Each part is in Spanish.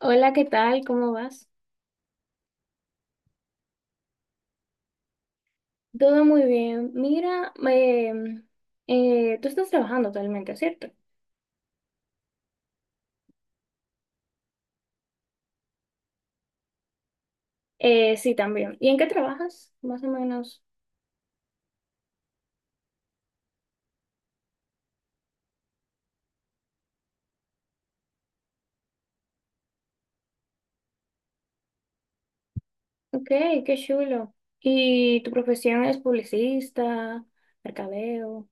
Hola, ¿qué tal? ¿Cómo vas? Todo muy bien. Mira, tú estás trabajando actualmente, ¿cierto? Sí, también. ¿Y en qué trabajas? Más o menos. Ok, qué chulo. ¿Y tu profesión es publicista, mercadeo?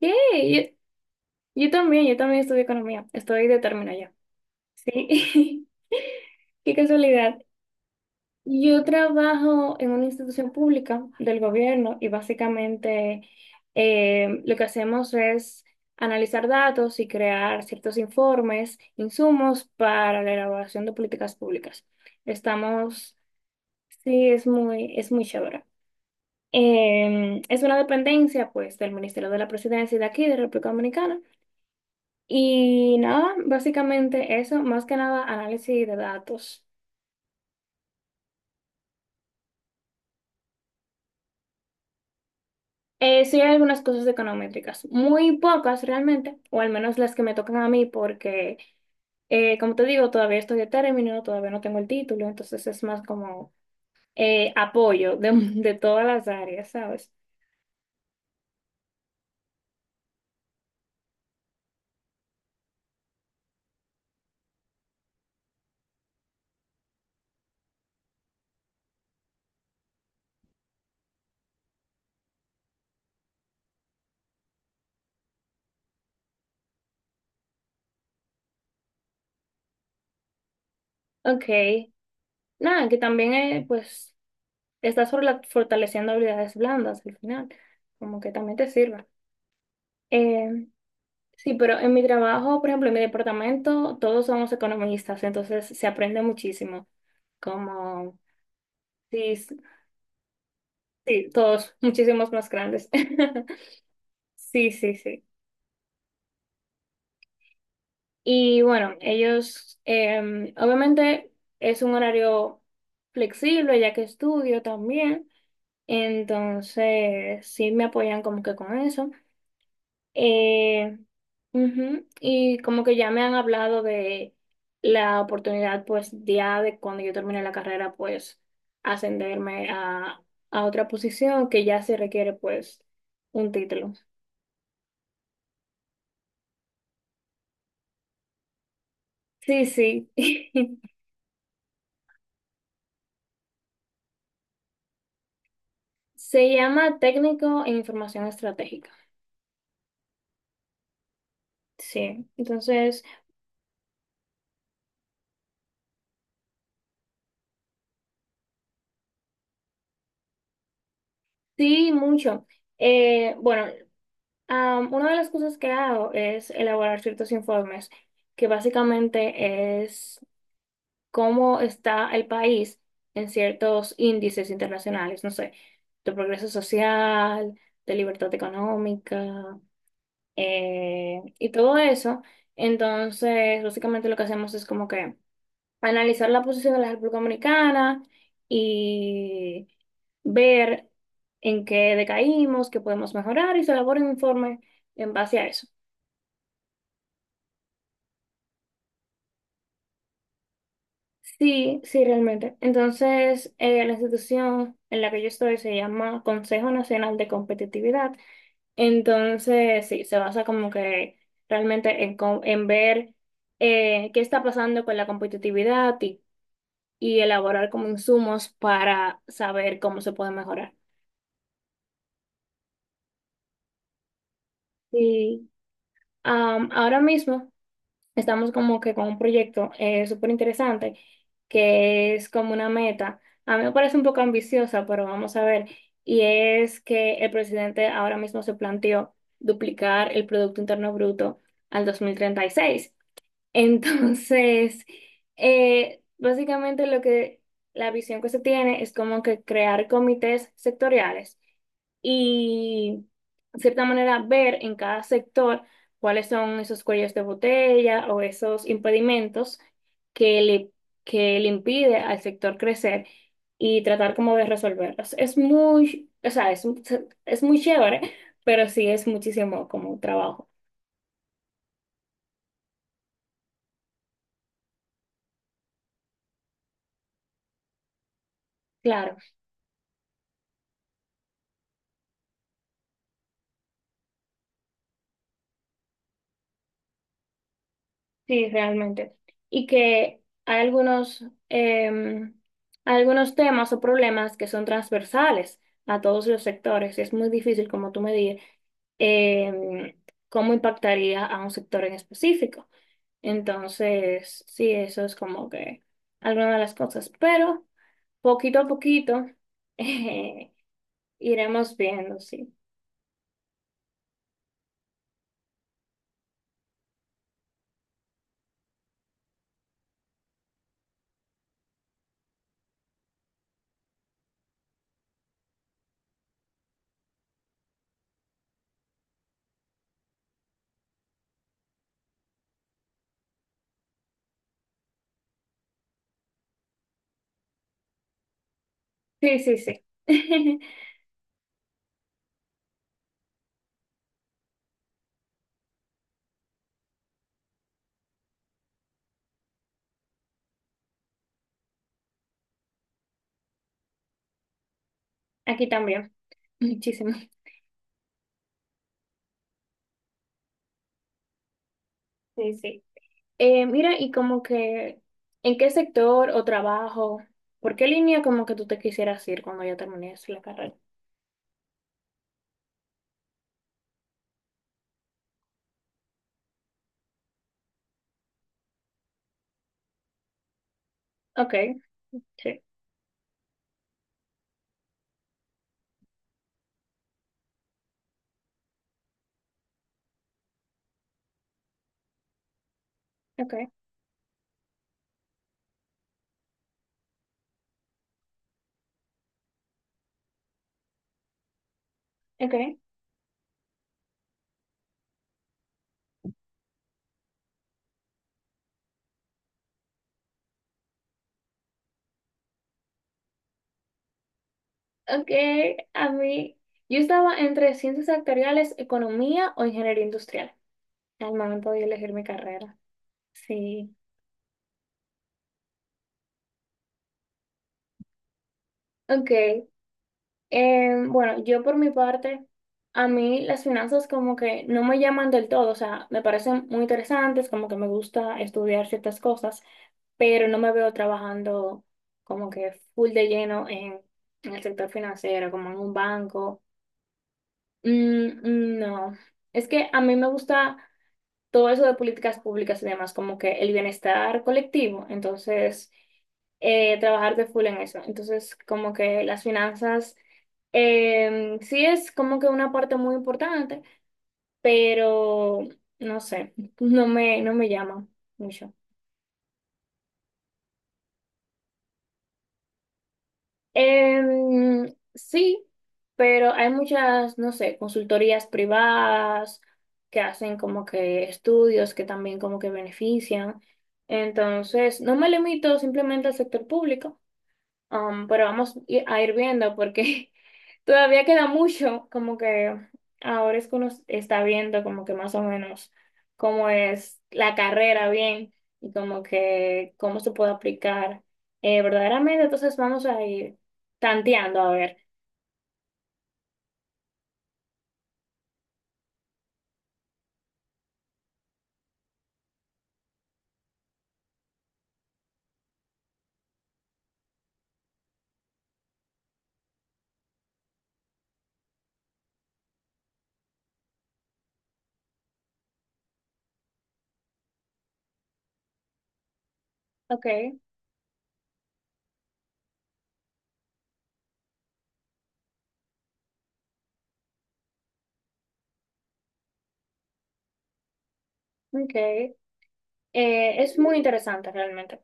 Sí, yo también, yo también estudio economía. Estoy de término ya. Sí. Qué casualidad. Yo trabajo en una institución pública del gobierno y básicamente lo que hacemos es analizar datos y crear ciertos informes, insumos para la elaboración de políticas públicas. Estamos, sí, es es muy chévere. Es una dependencia, pues, del Ministerio de la Presidencia y de aquí, de República Dominicana. Y nada, básicamente eso, más que nada análisis de datos. Sí hay algunas cosas econométricas, muy pocas realmente, o al menos las que me tocan a mí, porque como te digo, todavía estoy de término, todavía no tengo el título, entonces es más como apoyo de, de todas las áreas, ¿sabes? Ok, nada, que también pues estás fortaleciendo habilidades blandas al final, como que también te sirva. Eh, sí, pero en mi trabajo, por ejemplo, en mi departamento, todos somos economistas, entonces se aprende muchísimo, como... Sí, sí, todos, muchísimos más grandes. Sí, sí, sí. Y bueno, ellos, obviamente es un horario flexible ya que estudio también, entonces sí me apoyan como que con eso. Eh, Ujú, y como que ya me han hablado de la oportunidad, pues ya de cuando yo termine la carrera, pues ascenderme a otra posición que ya se requiere pues un título. Sí, sí. Se llama técnico en información estratégica. Sí, entonces, sí, mucho. Bueno, una de las cosas que hago es elaborar ciertos informes, que básicamente es cómo está el país en ciertos índices internacionales, no sé, de progreso social, de libertad económica, y todo eso. Entonces, básicamente lo que hacemos es como que... analizar la posición de la República Dominicana y ver en qué decaímos, qué podemos mejorar y se elabora un informe en base a eso. Sí, sí, realmente. Entonces, la institución en la que yo estoy se llama Consejo Nacional de Competitividad. Entonces, sí, se basa como que realmente en, en ver qué está pasando con la competitividad y elaborar como insumos para saber cómo se puede mejorar. Sí. Ahora mismo estamos como que con un proyecto súper interesante que es como una meta. A mí me parece un poco ambiciosa, pero vamos a ver. Y es que el presidente ahora mismo se planteó duplicar el Producto Interno Bruto al 2036. Entonces, básicamente lo que la visión que se tiene es como que crear comités sectoriales y, de cierta manera, ver en cada sector cuáles son esos cuellos de botella o esos impedimentos que le, que le impide al sector crecer y tratar como de resolverlos. Es es muy chévere, pero sí es muchísimo como trabajo. Claro. Sí, realmente. Y que hay algunos, eh, algunos temas o problemas que son transversales a todos los sectores. Es muy difícil, como tú me dices, eh, cómo impactaría a un sector en específico. Entonces, sí, eso es como que alguna de las cosas. Pero poquito a poquito eh, iremos viendo, sí. Sí, sí, sí. Aquí también. Muchísimo. Sí, sí. Mira, y como que, ¿en qué sector o trabajo? ¿Por qué línea como que tú te quisieras ir cuando ya termines la carrera? Ok, sí, ok, ok, ok, a mí, yo estaba entre ciencias sectoriales, economía o ingeniería industrial al momento de elegir mi carrera. Sí, ok, bueno, yo por mi parte, a mí las finanzas como que no me llaman del todo, o sea, me parecen muy interesantes, como que me gusta estudiar ciertas cosas pero no me veo trabajando como que full de lleno en el sector financiero, como en un banco. Mm, mm, no, es que a mí me gusta todo eso de políticas públicas y demás, como que el bienestar colectivo, entonces trabajar de full en eso. Entonces, como que las finanzas sí es como que una parte muy importante, pero no sé, no me llama mucho. Sí, pero hay muchas, no sé, consultorías privadas que hacen como que estudios que también como que benefician. Entonces, no me limito simplemente al sector público. Pero vamos a ir viendo porque todavía queda mucho, como que ahora es que uno está viendo como que más o menos cómo es la carrera bien y como que cómo se puede aplicar verdaderamente. Entonces vamos a ir tanteando a ver. Ok, ok. Es muy interesante realmente.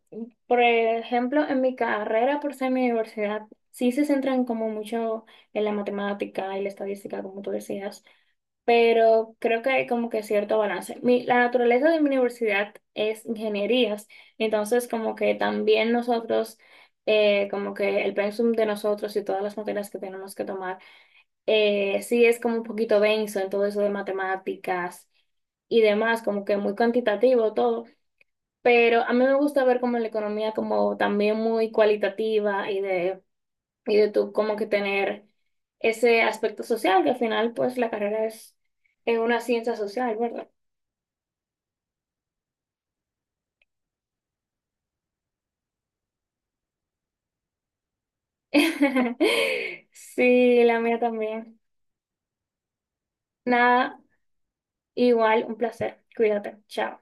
Por ejemplo, en mi carrera, por ser mi universidad, sí se centran como mucho en la matemática y la estadística, como tú decías. Pero creo que hay como que cierto balance. La naturaleza de mi universidad es ingenierías, entonces como que también nosotros, como que el pensum de nosotros y todas las materias que tenemos que tomar, sí es como un poquito denso en todo eso de matemáticas y demás, como que muy cuantitativo todo, pero a mí me gusta ver como la economía como también muy cualitativa y de tú como que tener ese aspecto social, que al final pues la carrera es una ciencia social, ¿verdad? Sí, la mía también. Nada, igual, un placer. Cuídate. Chao.